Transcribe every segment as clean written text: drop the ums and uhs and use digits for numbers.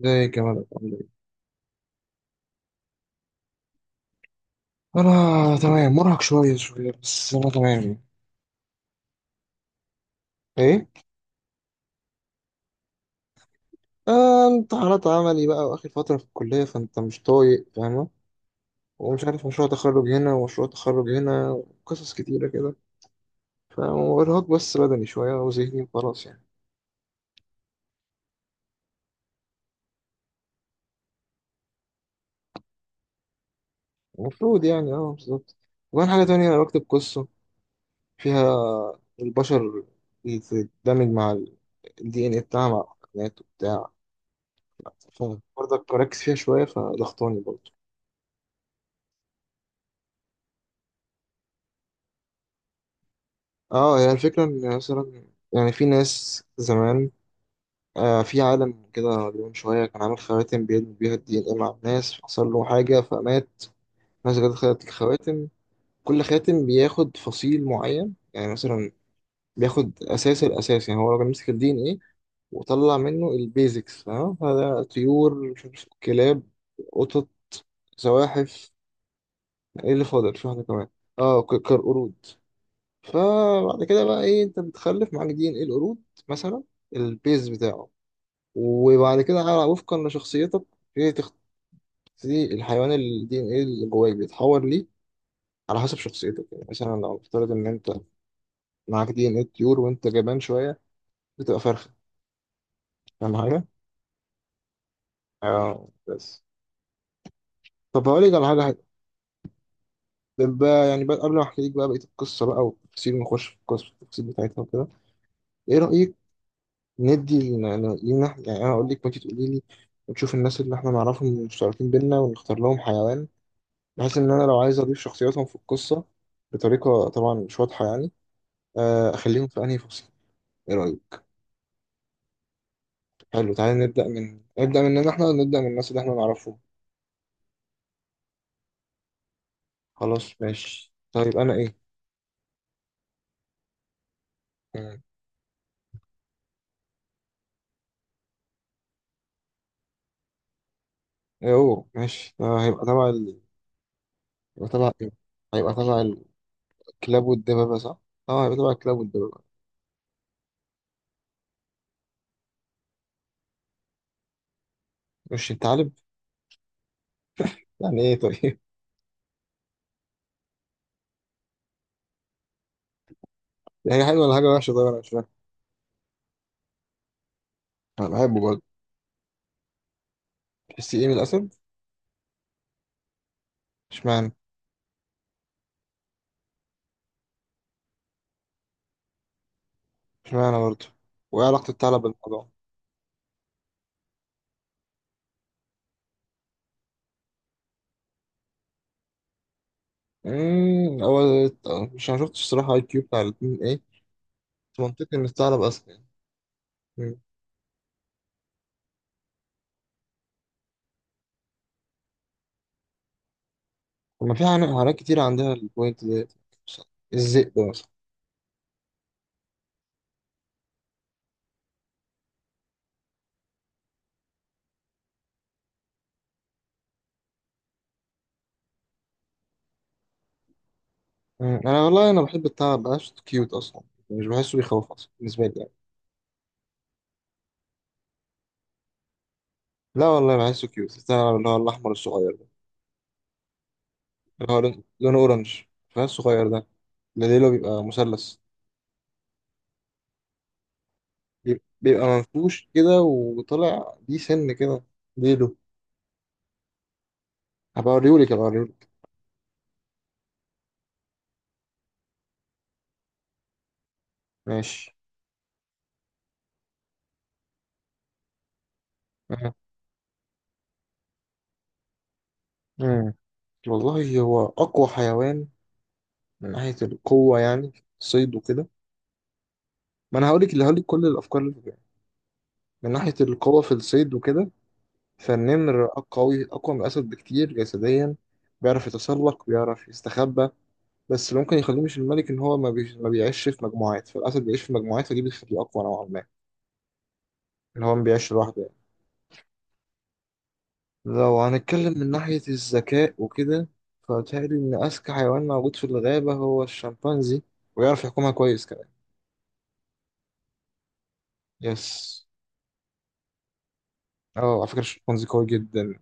زي كمان عامل ايه؟ انا تمام، مرهق شويه شويه بس انا تمام يعني. ايه آه امتحانات عملي بقى واخر فتره في الكليه فانت مش طايق فاهمه. ومش عارف مشروع تخرج هنا ومشروع تخرج هنا وقصص كتيره كده، فارهاق بس بدني شويه وذهني وخلاص يعني. المفروض يعني اه بالظبط. وكمان حاجه تانية انا بكتب قصه فيها البشر بتندمج مع الدي ان اي بتاعها مع الحيوانات وبتاع، فبرضك بركز فيها شويه فضغطاني برضه. اه هي الفكرة ان مثلا يعني في ناس زمان آه في عالم كده من شوية كان عامل خواتم بيدمج بيها الدي ان ايه مع الناس، حصل له حاجة فمات. الناس جت خدت الخواتم. كل خاتم بياخد فصيل معين يعني مثلا بياخد اساس. الاساس يعني هو راجل مسك الدي ان ايه وطلع منه البيزكس، فاهم؟ هذا طيور مش عارف كلاب قطط زواحف. ايه اللي فاضل؟ في واحدة كمان اه كالقرود. فبعد كده بقى ايه، انت بتخلف معاك دي ان ايه القرود مثلا البيز بتاعه. وبعد كده على وفقا لشخصيتك ايه تختاري الحيوان الدي ان ايه اللي جواك بيتحول ليه، على حسب شخصيتك. يعني مثلا لو نفترض ان انت معاك دي ان ايه الطيور وانت جبان شويه بتبقى فرخه. فاهم حاجه؟ اه بس. طب هقول لك على حاجه حلوه. طب بقى يعني بقى قبل ما احكي لك بقى بقيه القصه بقى والتفاصيل ونخش في القصه التفاصيل بتاعتها وكده، ايه رايك ندي لينا يعني انا اقول لك وانت تقولي لي وتشوف الناس اللي احنا نعرفهم مشتركين بينا ونختار لهم حيوان، بحيث ان انا لو عايز اضيف شخصياتهم في القصه بطريقه طبعا مش واضحه يعني آه، اخليهم في انهي فصل. ايه رايك؟ حلو تعالى نبدا مننا احنا ونبدا من الناس اللي احنا نعرفهم. خلاص ماشي طيب انا ايه؟ مم. ايه هو ماشي آه، هيبقى تبع ايه، هيبقى تبع الكلاب والدبابه صح؟ اه هيبقى تبع الكلاب والدبابه. مش انت عالب؟ يعني ايه طيب؟ هي حلوه ولا حاجه وحشه؟ طيب انا مش فاهم. انا بحبه برضه. تحسي ايه من الاسد؟ اشمعنى؟ اشمعنى برضه؟ وايه علاقه الثعلب بالموضوع؟ هو مش انا شفتش الصراحه اي كيو بتاع الاتنين ايه. بس منطقي ان الثعلب اسد يعني. مم. طب ما في حيوانات كتير عندها البوينت ديت مثلا الذئب مثلا. مم. انا والله انا بحب الثعلب بحسه كيوت اصلا، مش بحسه بيخوف اصلا بالنسبه لي يعني. لا والله بحسه كيوت الثعلب اللي هو الاحمر الصغير ده، اللي هو لونه اورنج، فاهم الصغير ده، اللي ليله بيبقى مثلث، بيبقى منفوش كده وطلع دي سن كده ليله. هبقى اوريهولك. ماشي آه. مم. والله هو اقوى حيوان من ناحية القوة يعني في الصيد وكده. ما انا هقولك اللي هقولك كل الافكار اللي في بالي. من ناحية القوة في الصيد وكده فالنمر أق- قوي اقوى من الاسد بكتير جسديا، بيعرف يتسلق بيعرف يستخبى. بس اللي ممكن يخليه مش الملك ان هو ما بيعيش في مجموعات، فالاسد بيعيش في مجموعات فدي بتخليه اقوى نوعا ما، اللي هو ما بيعيش لوحده. لو هنتكلم من ناحية الذكاء وكده فبتهيألي إن أذكى حيوان موجود في الغابة هو الشمبانزي، ويعرف يحكمها كويس كمان. يس. اه على فكرة الشمبانزي قوي جدا.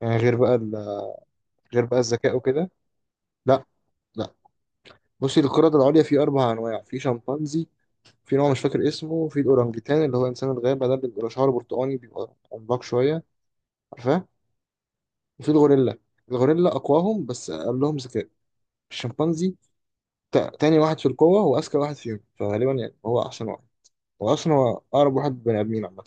يعني غير بقى الذكاء وكده. لا لا بصي، القردة العليا فيه 4 أنواع، في شمبانزي، في نوع مش فاكر اسمه، في الأورانجيتان اللي هو إنسان الغابة ده اللي بيبقى شعره برتقاني بيبقى عملاق شوية، عارفاه؟ وفي الغوريلا. الغوريلا أقواهم بس أقلهم ذكاء. الشمبانزي تاني واحد في القوة وأذكى واحد فيهم، فغالبا يعني هو أحسن واحد، وأصلا هو أقرب واحد بني آدمين عامة.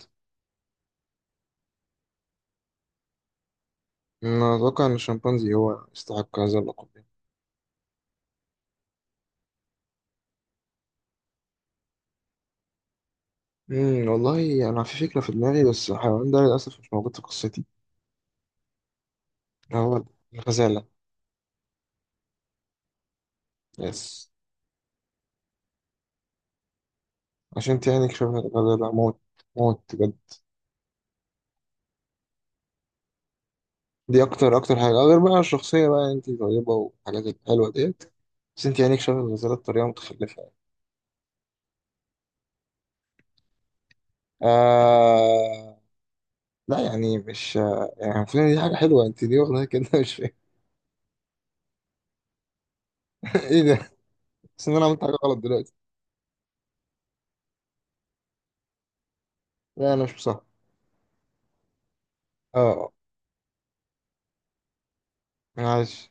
أنا أتوقع إن الشمبانزي هو يستحق هذا اللقب يعني. أمم، والله أنا في فكرة في دماغي بس الحيوان ده للأسف مش موجود في قصتي. هو الغزالة. يس. عشان تعاني شبه الغزالة موت، موت بجد. دي أكتر أكتر حاجة غير بقى الشخصية بقى، أنت طيبة والحاجات الحلوة ديت، بس أنت عينيك شبه الغزالة بطريقة متخلفة يعني. آه... لا يعني مش يعني المفروض إن دي حاجة حلوة، أنت ليه واخدها كده؟ مش فاهم. إيه ده؟ بس إن أنا عملت حاجة غلط دلوقتي؟ لا أنا مش مصدق. اه معلش.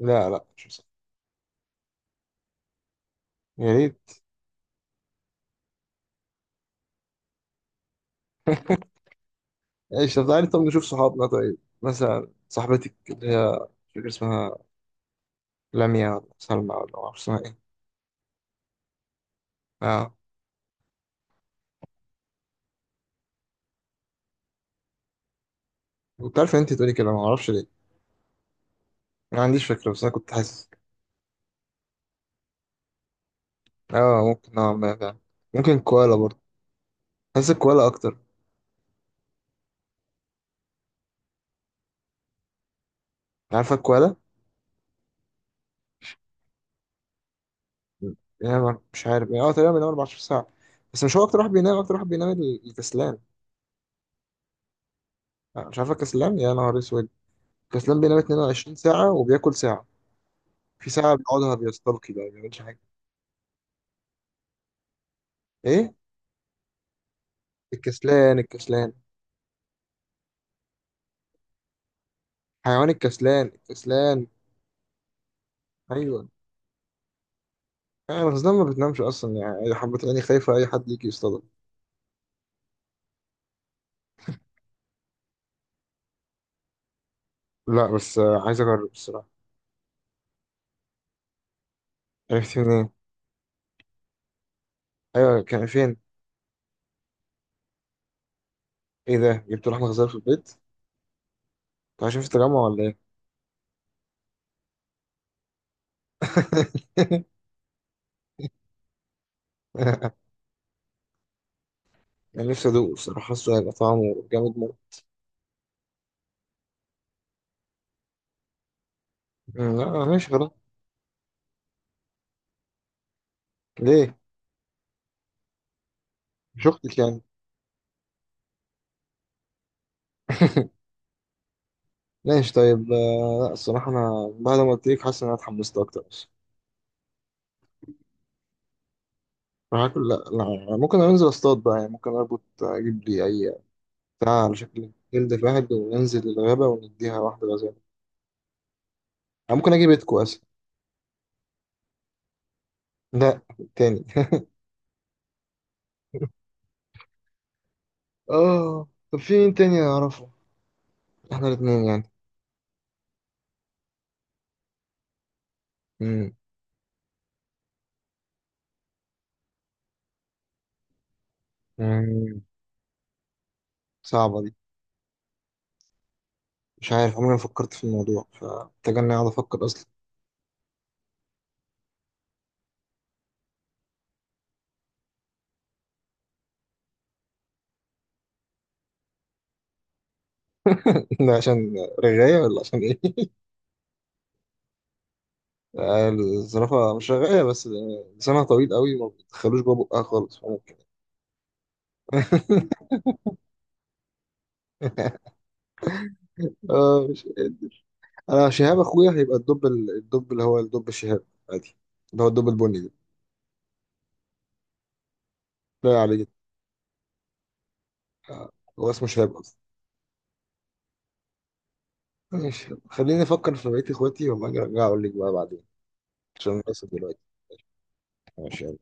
لا لا مش مصدق. يا ريت. ايش؟ طب تعالي طب نشوف صحابنا، طيب مثلا صاحبتك اللي هي مش فاكر اسمها، لميا ولا سلمى ولا ما اعرفش اسمها ايه. اه كنت عارف ان انت تقولي كده، ما اعرفش ليه، ما عنديش فكره بس انا كنت حاسس. اه ممكن نوعا ما فعلا. ممكن كوالا برضه. حاسس الكوالا اكتر. عارفه الكوالا؟ بينام مش عارف يعني اه تقريبا بينام 14 ساعه. بس مش هو اكتر واحد بينام، اكتر واحد بينام الكسلان. آه، مش عارفه كسلان يا نهار اسود؟ كسلان بينام 22 ساعه وبياكل ساعه. في ساعة بيقعدها بيستلقي بقى ما بيعملش حاجة. ايه الكسلان؟ الكسلان حيوان. الكسلان الكسلان. ايوه. يعني الغزلان ما بتنامش اصلا يعني، اي حبة عيني خايفة اي حد يجي يصطادها. لا بس آه، عايز اجرب الصراحة. عرفت منين؟ ايوه كان فين؟ ايه ده، جبت لحمة غزال في البيت؟ انت عايشين في التجمع ولا ايه؟ يعني نفسي ادوقه الصراحة، حاسه هيبقى طعمه جامد موت. أمم، لا ماشي خلاص. ليه؟ مش اختك يعني؟ ماشي طيب آه، لا الصراحة انا بعد ما قلت لك حاسس ان انا اتحمست اكتر. هاكل؟ لا لا، ممكن انزل اصطاد بقى يعني، ممكن اربط اجيب لي اي بتاع على شكل جلد الواحد وننزل الغابة ونديها واحدة غزالة. أنا ممكن اجيب اتكو اصلا. لا التاني. اه طب في مين تاني اعرفه احنا الاتنين يعني؟ مم. مم. صعبة دي. مش عارف عمري ما فكرت في الموضوع، فمحتاج اني اقعد افكر اصلا. ده عشان رغاية ولا عشان ايه؟ آه، الزرافة مش رغاية بس آه، لسانها طويل قوي ما بتدخلوش جوه بقها خالص فممكن. اه مش انا. شهاب اخويا هيبقى الدب، الدب اللي هو الدب الشهاب، عادي، اللي هو الدب البني ده، لا عليه جدا. هو اسمه شهاب اصلا. ماشي خليني افكر في بقية اخواتي وما اجي ارجع اقول لك بقى بعدين، عشان للاسف دلوقتي. ماشي يلا.